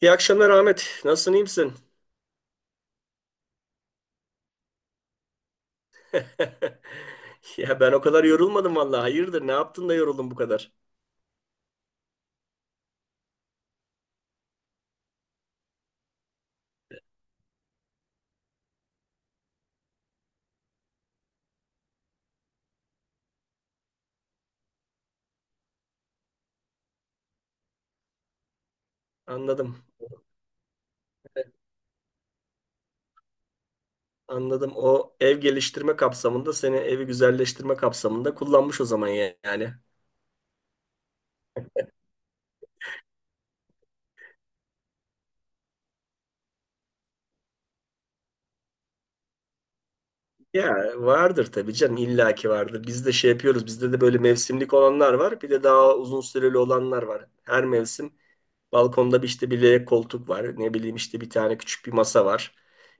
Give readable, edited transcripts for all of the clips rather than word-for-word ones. İyi akşamlar Ahmet. Nasılsın, iyi misin? Ya ben o kadar yorulmadım vallahi. Hayırdır, ne yaptın da yoruldun bu kadar? Anladım. Anladım. O ev geliştirme kapsamında seni evi güzelleştirme kapsamında kullanmış o zaman yani. Ya vardır tabii canım illaki vardır. Biz de şey yapıyoruz. Bizde de böyle mevsimlik olanlar var. Bir de daha uzun süreli olanlar var. Her mevsim balkonda bir işte bir L koltuk var. Ne bileyim işte bir tane küçük bir masa var.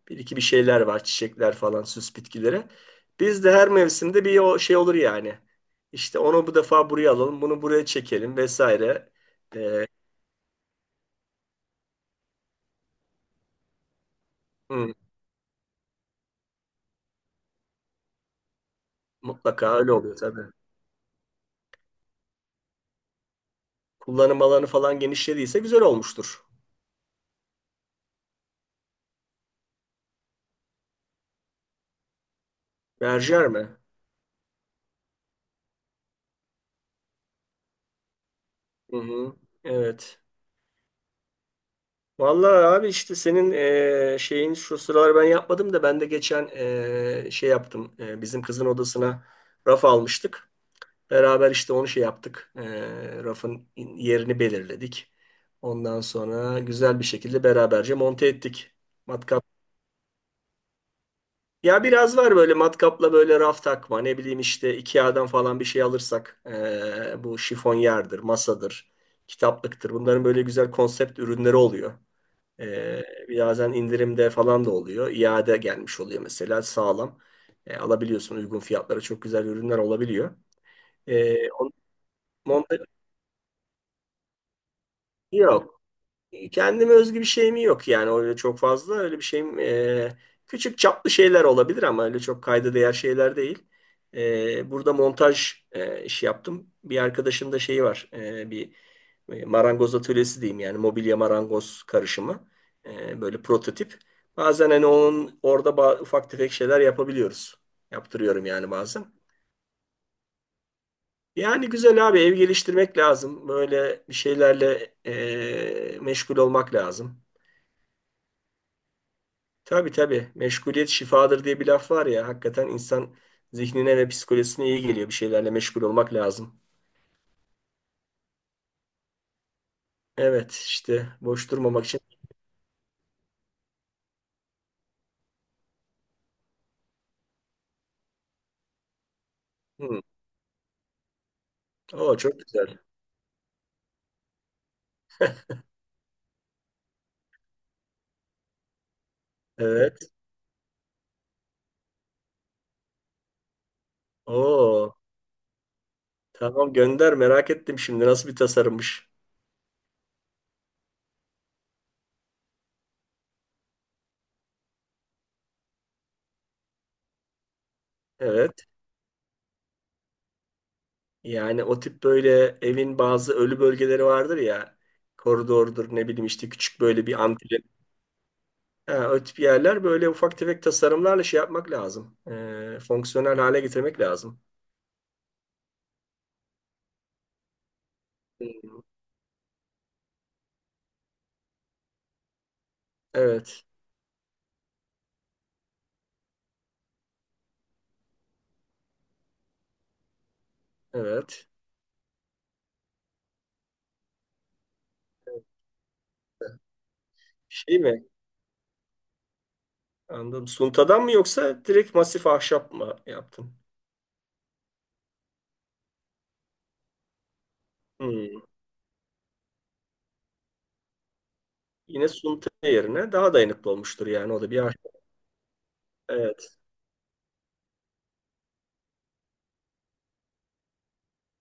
Bir iki bir şeyler var. Çiçekler falan, süs bitkileri. Biz de her mevsimde bir o şey olur yani. İşte onu bu defa buraya alalım. Bunu buraya çekelim vesaire. Hı, mutlaka öyle oluyor tabii. Kullanım alanı falan genişlediyse güzel olmuştur. Berjer mi? Hı hı. Evet. Vallahi abi işte senin şeyin şu sıralar ben yapmadım da ben de geçen şey yaptım. Bizim kızın odasına raf almıştık. Beraber işte onu şey yaptık. Rafın yerini belirledik. Ondan sonra güzel bir şekilde beraberce monte ettik. Matkap. Ya biraz var, böyle matkapla böyle raf takma. Ne bileyim işte IKEA'dan falan bir şey alırsak, bu şifonyerdir, masadır, kitaplıktır. Bunların böyle güzel konsept ürünleri oluyor. Birazdan indirimde falan da oluyor. İade gelmiş oluyor mesela, sağlam. Alabiliyorsun, uygun fiyatlara çok güzel ürünler olabiliyor. Ee, on, monte- Yok. Kendime özgü bir şeyim yok yani, öyle çok fazla öyle bir şeyim küçük çaplı şeyler olabilir ama öyle çok kayda değer şeyler değil. E, burada montaj işi yaptım. Bir arkadaşın da şeyi var, bir marangoz atölyesi diyeyim, yani mobilya marangoz karışımı. E, böyle prototip. Bazen hani onun orada ufak tefek şeyler yapabiliyoruz. Yaptırıyorum yani bazen. Yani güzel abi, ev geliştirmek lazım. Böyle bir şeylerle meşgul olmak lazım. Tabii tabii. Meşguliyet şifadır diye bir laf var ya. Hakikaten insan zihnine ve psikolojisine iyi geliyor. Bir şeylerle meşgul olmak lazım. Evet, işte boş durmamak için. Hmm. Oo, çok güzel. Evet. Oo, tamam, gönder, merak ettim şimdi nasıl bir tasarımmış. Evet. Yani o tip böyle evin bazı ölü bölgeleri vardır ya. Koridordur, ne bileyim işte küçük böyle bir antre. Ha, o tip yerler böyle ufak tefek tasarımlarla şey yapmak lazım. Fonksiyonel hale getirmek lazım. Evet. Evet. Şey mi? Anladım. Suntadan mı yoksa direkt masif ahşap mı yaptın? Hmm. Yine sunta yerine daha dayanıklı olmuştur yani, o da bir ahşap. Evet.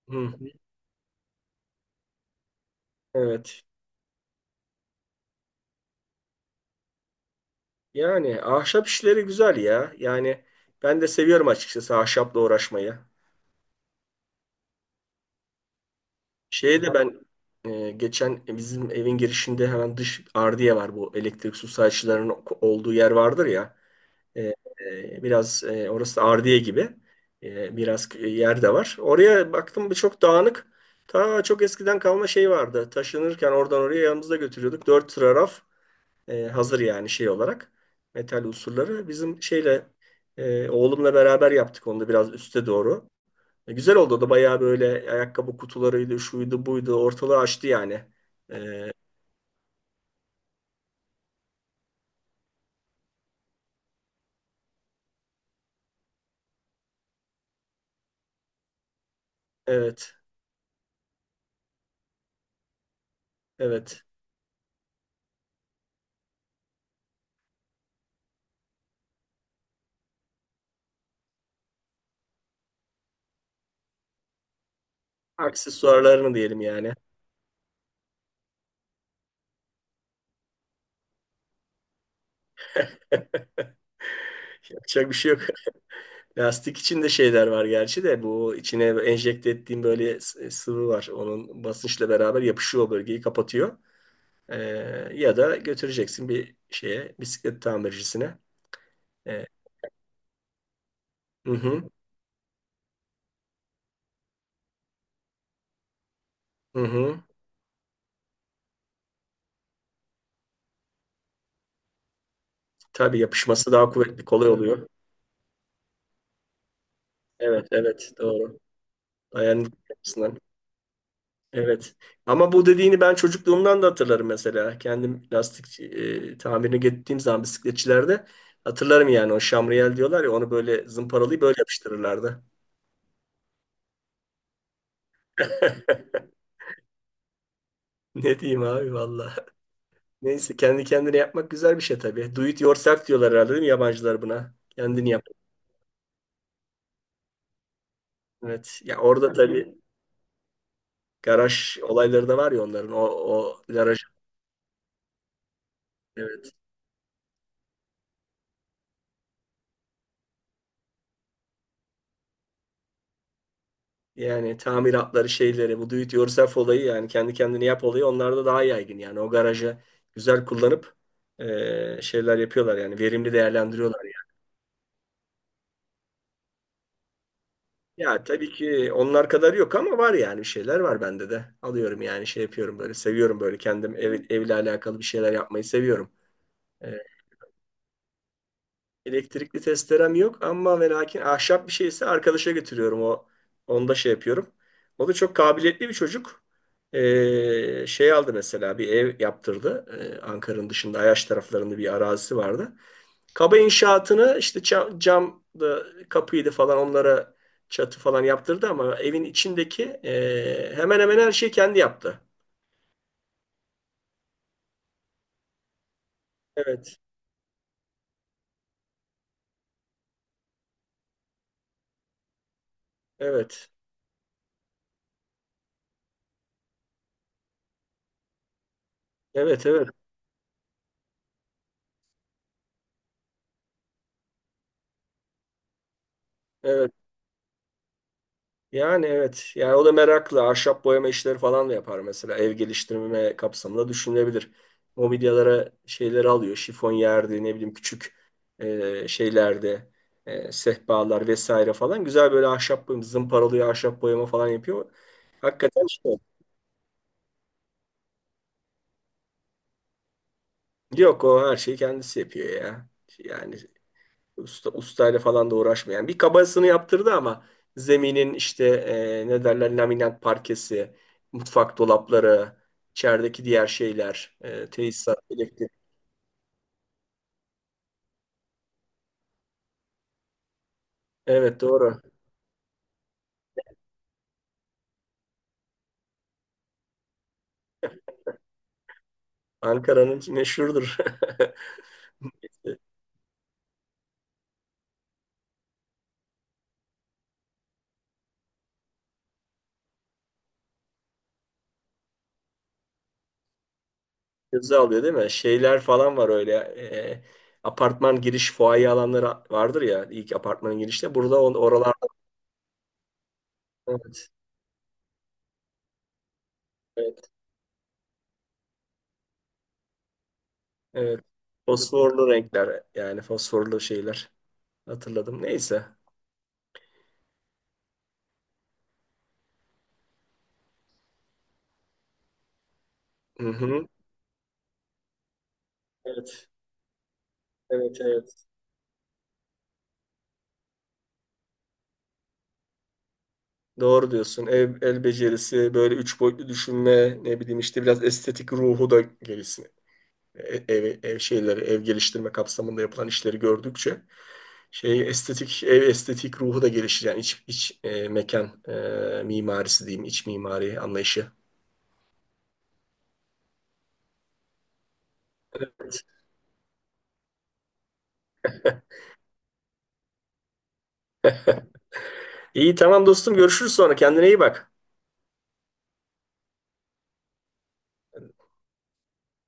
Hı. Evet. Yani ahşap işleri güzel ya. Yani ben de seviyorum açıkçası ahşapla uğraşmayı. Şeye de ben geçen bizim evin girişinde hemen dış ardiye var, bu elektrik su sayaçlarının olduğu yer vardır ya. E, Biraz orası da ardiye gibi, biraz yer de var. Oraya baktım, bir çok dağınık. Ta çok eskiden kalma şey vardı. Taşınırken oradan oraya yanımızda götürüyorduk. Dört sıra raf hazır yani şey olarak. Metal unsurları. Bizim şeyle, oğlumla beraber yaptık onu da biraz üste doğru. E, güzel oldu o da, bayağı böyle ayakkabı kutularıydı, şuydu buydu. Ortalığı açtı yani. E, evet, evet. Aksesuarlarını diyelim yani. Yapacak bir şey yok. Lastik içinde şeyler var gerçi, de bu içine enjekte ettiğim böyle sıvı var. Onun basınçla beraber yapışıyor, o bölgeyi kapatıyor. Ee, Ya da götüreceksin bir şeye, bisiklet tamircisine. Ee, hı hı, hı hı. Tabii, yapışması daha kuvvetli, kolay oluyor. Evet, evet, doğru. Dayanıklı açısından. Evet. Ama bu dediğini ben çocukluğumdan da hatırlarım mesela. Kendim lastik tamirine gittiğim zaman bisikletçilerde hatırlarım yani, o şamriyel diyorlar ya, onu böyle zımparalayıp böyle yapıştırırlardı. Ne diyeyim abi valla. Neyse, kendi kendine yapmak güzel bir şey tabii. Do it yourself diyorlar herhalde değil mi yabancılar buna? Kendini yap. Evet. Ya orada tabii garaj olayları da var ya onların. O, o garaj. Evet. Yani tamiratları, şeyleri, bu do it yourself olayı yani kendi kendine yap olayı onlarda daha yaygın. Yani o garajı güzel kullanıp şeyler yapıyorlar, yani verimli değerlendiriyorlar. Ya tabii ki onlar kadar yok ama var yani, bir şeyler var bende de. Alıyorum yani, şey yapıyorum, böyle seviyorum, böyle kendim evle alakalı bir şeyler yapmayı seviyorum. Ee, Elektrikli testerem yok ama ve lakin ahşap bir şeyse arkadaşa götürüyorum, onda şey yapıyorum. O da çok kabiliyetli bir çocuk. Şey aldı mesela, bir ev yaptırdı. Ankara'nın dışında Ayaş taraflarında bir arazisi vardı. Kaba inşaatını, işte cam da kapıydı falan, onlara çatı falan yaptırdı ama evin içindeki hemen hemen her şeyi kendi yaptı. Evet, evet, evet, evet, evet. Yani evet, yani o da meraklı. Ahşap boyama işleri falan da yapar mesela. Ev geliştirme kapsamında düşünülebilir. Mobilyalara şeyleri alıyor. Şifonyerdi, ne bileyim küçük şeylerde, sehpalar vesaire falan. Güzel böyle ahşap boyama, zımparalıyor, ahşap boyama falan yapıyor. Hakikaten şey. Yok, o her şeyi kendisi yapıyor ya. Yani ustayla falan da uğraşmayan. Bir kabasını yaptırdı ama zeminin işte ne derler, laminat parkesi, mutfak dolapları, içerideki diğer şeyler, tesisat, elektrik. Evet doğru. Ankara'nın meşhurdur. Göze alıyor değil mi? Şeyler falan var öyle. Apartman giriş fuaye alanları vardır ya, ilk apartmanın girişte. Burada oralarda evet. Evet. Evet. Fosforlu renkler, yani fosforlu şeyler hatırladım. Neyse. Hı hı. Evet. Evet evet. Doğru diyorsun. El, el becerisi, böyle üç boyutlu düşünme, ne bileyim işte biraz estetik ruhu da gelişsin. Ev şeyleri, ev geliştirme kapsamında yapılan işleri gördükçe şey estetik, ev estetik ruhu da gelişir yani iç mekan mimarisi diyeyim, iç mimari anlayışı. İyi, tamam dostum, görüşürüz sonra, kendine iyi bak.